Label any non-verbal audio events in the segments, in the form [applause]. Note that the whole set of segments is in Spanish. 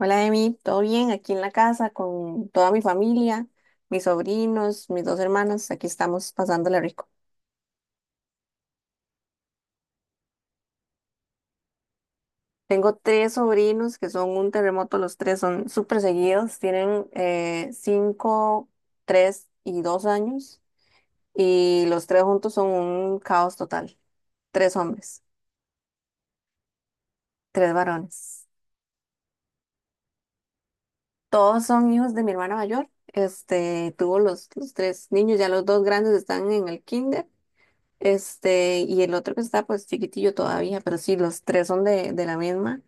Hola, Emi, ¿todo bien? Aquí en la casa con toda mi familia, mis sobrinos, mis dos hermanas, aquí estamos pasándola rico. Tengo tres sobrinos que son un terremoto, los tres son súper seguidos, tienen 5, 3 y 2 años, y los tres juntos son un caos total. Tres hombres, tres varones. Todos son hijos de mi hermana mayor, tuvo los tres niños, ya los dos grandes están en el kinder. Y el otro que está pues chiquitillo todavía, pero sí, los tres son de la misma,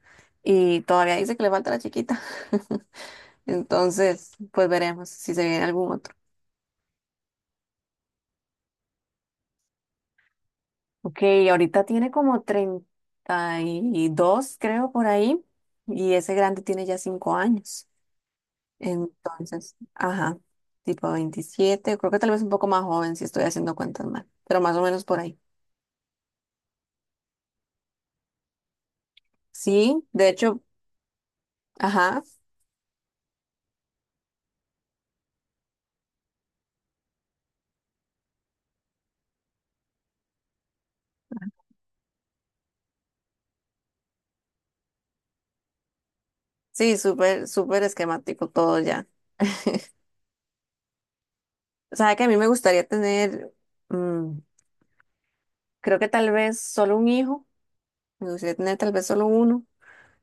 y todavía dice que le falta la chiquita. [laughs] Entonces, pues veremos si se viene algún otro. Ok, ahorita tiene como 32, creo, por ahí, y ese grande tiene ya 5 años. Entonces, ajá, tipo 27, creo que tal vez un poco más joven si estoy haciendo cuentas mal, pero más o menos por ahí. Sí, de hecho, ajá, sí, súper, súper esquemático todo ya. O sea, que a mí me gustaría tener, mm, creo que tal vez solo un hijo, me gustaría tener tal vez solo uno,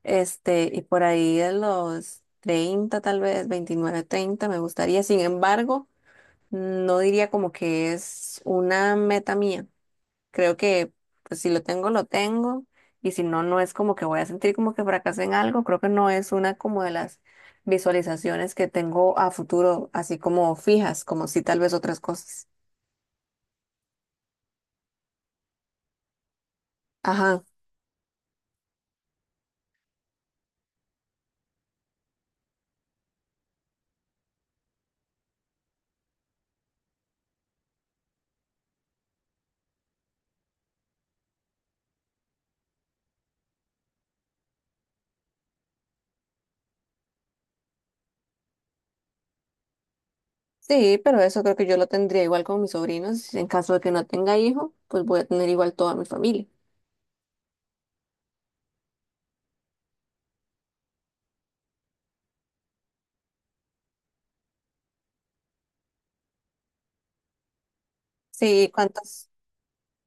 y por ahí de los 30, tal vez 29, 30, me gustaría. Sin embargo, no diría como que es una meta mía. Creo que, pues, si lo tengo, lo tengo, y si no, no es como que voy a sentir como que fracasé en algo. Creo que no es una como de las visualizaciones que tengo a futuro, así como fijas, como si tal vez otras cosas. Ajá. Sí, pero eso creo que yo lo tendría igual con mis sobrinos. En caso de que no tenga hijo, pues voy a tener igual toda mi familia. Sí, ¿cuántos,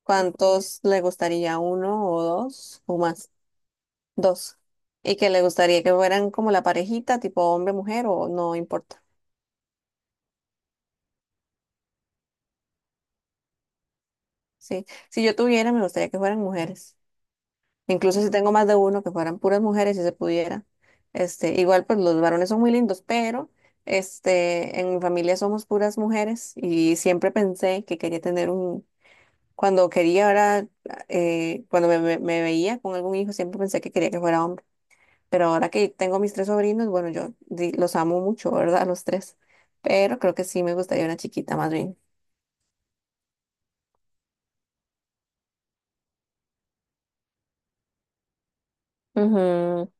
cuántos le gustaría? ¿Uno o dos o más? Dos. Y que le gustaría que fueran como la parejita, tipo hombre-mujer, o no importa. Sí, si yo tuviera, me gustaría que fueran mujeres. Incluso si tengo más de uno, que fueran puras mujeres, si se pudiera. Igual, pues los varones son muy lindos, pero... en mi familia somos puras mujeres y siempre pensé que quería tener un, Cuando quería ahora, cuando me veía con algún hijo, siempre pensé que quería que fuera hombre. Pero ahora que tengo mis tres sobrinos, bueno, yo los amo mucho, ¿verdad? A los tres. Pero creo que sí me gustaría una chiquita más bien. Ujú.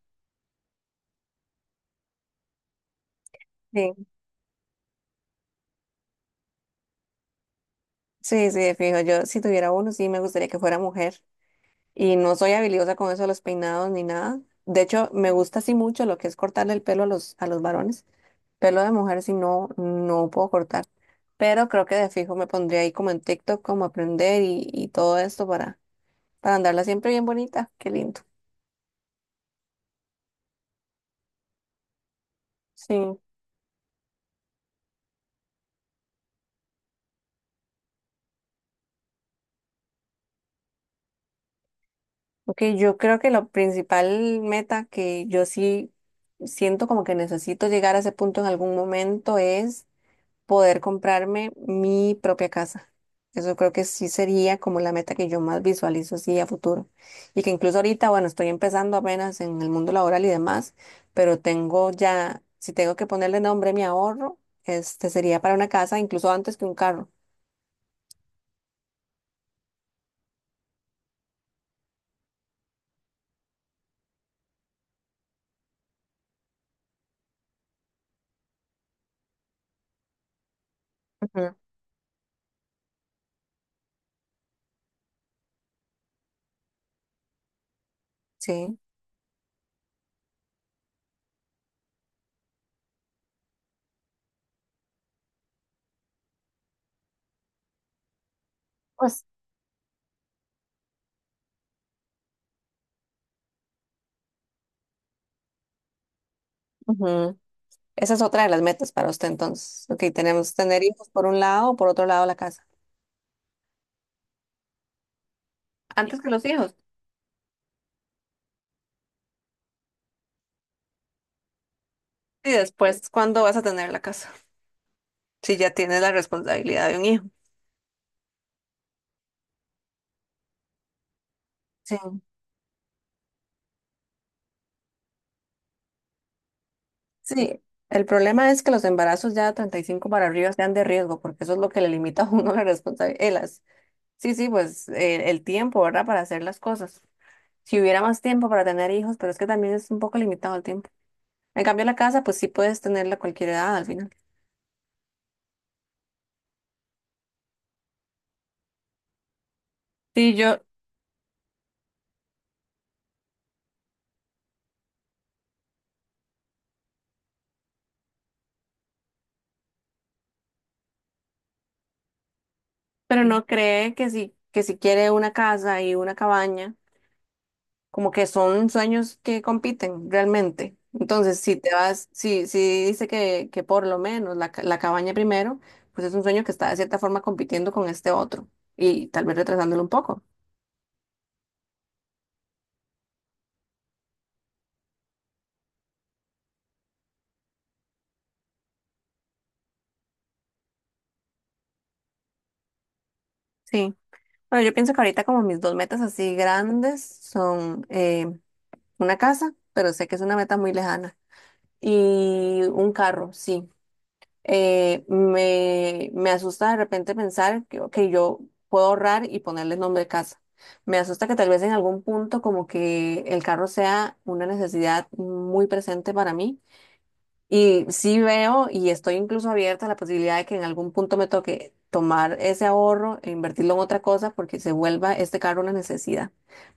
Sí, sí, sí, de fijo. Yo, si tuviera uno, sí me gustaría que fuera mujer. Y no soy habilidosa con eso de los peinados ni nada. De hecho, me gusta así mucho lo que es cortarle el pelo a los varones. Pelo de mujer, si no, no puedo cortar. Pero creo que de fijo me pondría ahí como en TikTok, como aprender y todo esto para andarla siempre bien bonita. Qué lindo. Sí. Ok, yo creo que la principal meta, que yo sí siento como que necesito llegar a ese punto en algún momento, es poder comprarme mi propia casa. Eso creo que sí sería como la meta que yo más visualizo así a futuro. Y que incluso ahorita, bueno, estoy empezando apenas en el mundo laboral y demás, pero tengo ya, si tengo que ponerle nombre a mi ahorro, este sería para una casa, incluso antes que un carro. Ujú. Sí. Pues, Ujú. Esa es otra de las metas para usted, entonces. Ok, tenemos tener hijos por un lado, por otro lado la casa. Antes que los hijos. Y después, ¿cuándo vas a tener la casa? Si ya tienes la responsabilidad de un hijo. Sí. Sí, el problema es que los embarazos ya de 35 para arriba sean de riesgo, porque eso es lo que le limita a uno [laughs] la responsabilidad. Sí, sí, pues el tiempo, ¿verdad? Para hacer las cosas. Si hubiera más tiempo para tener hijos, pero es que también es un poco limitado el tiempo. En cambio, la casa, pues sí puedes tenerla a cualquier edad al final. Sí, pero sí. ¿No cree que si quiere una casa y una cabaña, como que son sueños que compiten realmente? Entonces, si te vas, si dice que por lo menos la, la cabaña primero, pues es un sueño que está de cierta forma compitiendo con este otro y tal vez retrasándolo un poco. Sí. Bueno, yo pienso que ahorita como mis dos metas así grandes son una casa, pero sé que es una meta muy lejana, y un carro, sí. Me asusta de repente pensar que, ok, yo puedo ahorrar y ponerle nombre de casa. Me asusta que tal vez en algún punto como que el carro sea una necesidad muy presente para mí, y sí veo y estoy incluso abierta a la posibilidad de que en algún punto me toque tomar ese ahorro e invertirlo en otra cosa porque se vuelva este carro una necesidad.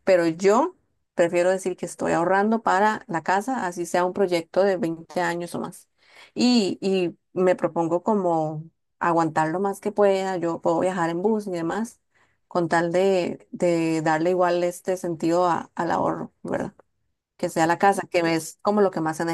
Pero yo prefiero decir que estoy ahorrando para la casa, así sea un proyecto de 20 años o más. Y me propongo como aguantar lo más que pueda. Yo puedo viajar en bus y demás, con tal de darle igual este sentido al ahorro, ¿verdad? Que sea la casa, que es como lo que más en...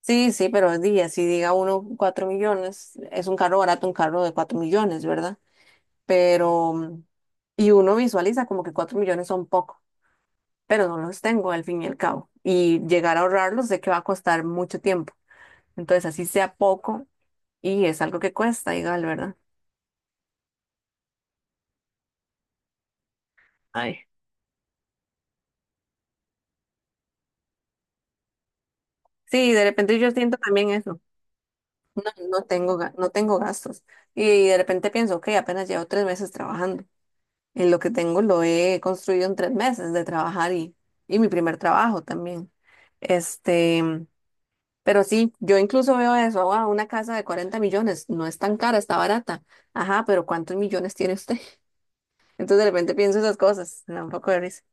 Sí, sí, pero es día, si diga uno 4 millones, es un carro barato, un carro de 4 millones, ¿verdad? Pero, y uno visualiza como que 4 millones son poco, pero no los tengo al fin y al cabo. Y llegar a ahorrarlos sé que va a costar mucho tiempo. Entonces, así sea poco, y es algo que cuesta, igual, ¿verdad? Ay. Sí, de repente yo siento también eso. No, no tengo gastos. Y de repente pienso, ok, apenas llevo 3 meses trabajando. En lo que tengo lo he construido en 3 meses de trabajar, y mi primer trabajo también. Este, pero sí, yo incluso veo eso, wow, una casa de 40 millones, no es tan cara, está barata. Ajá, pero ¿cuántos millones tiene usted? [laughs] Entonces de repente pienso esas cosas, me da un poco de risa.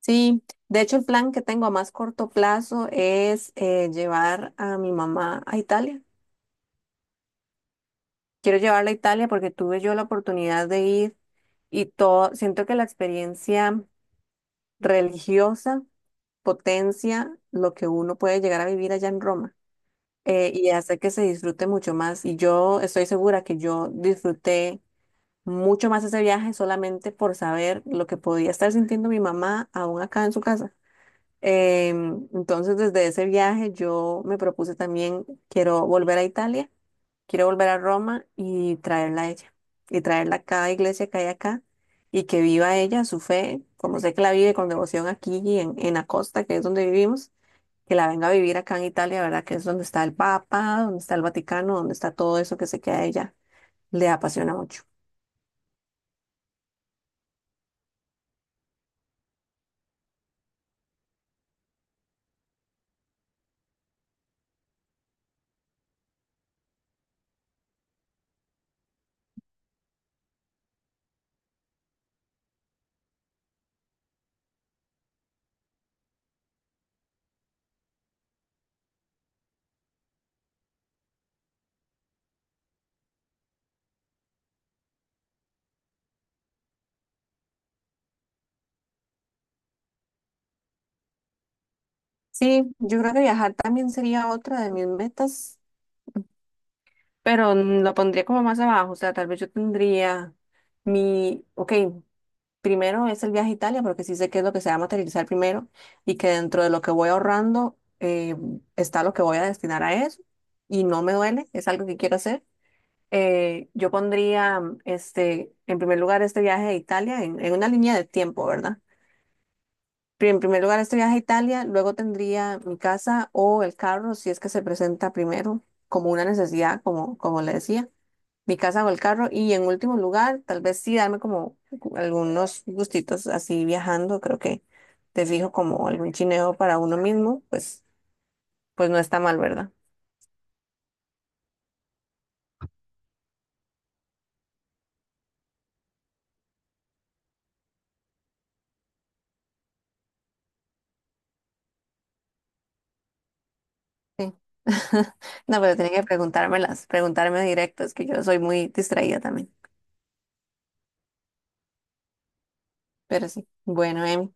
Sí, de hecho el plan que tengo a más corto plazo es llevar a mi mamá a Italia. Quiero llevarla a Italia porque tuve yo la oportunidad de ir, y todo, siento que la experiencia religiosa potencia lo que uno puede llegar a vivir allá en Roma, y hace que se disfrute mucho más. Y yo estoy segura que yo disfruté mucho más ese viaje solamente por saber lo que podía estar sintiendo mi mamá aún acá en su casa. Entonces, desde ese viaje yo me propuse también, quiero volver a Italia, quiero volver a Roma y traerla a ella, y traerla a cada iglesia que hay acá. Y que viva ella su fe, como sé que la vive con devoción aquí en la costa, que es donde vivimos, que la venga a vivir acá en Italia, ¿verdad? Que es donde está el Papa, donde está el Vaticano, donde está todo eso que sé que a ella le apasiona mucho. Sí, yo creo que viajar también sería otra de mis metas, pero lo pondría como más abajo, o sea, tal vez yo tendría ok, primero es el viaje a Italia, porque sí sé que es lo que se va a materializar primero, y que dentro de lo que voy ahorrando está lo que voy a destinar a eso, y no me duele, es algo que quiero hacer. Yo pondría, en primer lugar, este viaje a Italia, en una línea de tiempo, ¿verdad? En primer lugar este viaje a Italia, luego tendría mi casa o el carro, si es que se presenta primero, como una necesidad, como, como le decía, mi casa o el carro, y en último lugar, tal vez sí darme como algunos gustitos así viajando, creo que te fijo como algún chineo para uno mismo, pues, pues no está mal, ¿verdad? Sí. [laughs] No, pero tiene que preguntármelas, preguntarme directo, es que yo soy muy distraída también. Pero sí. Bueno, Em,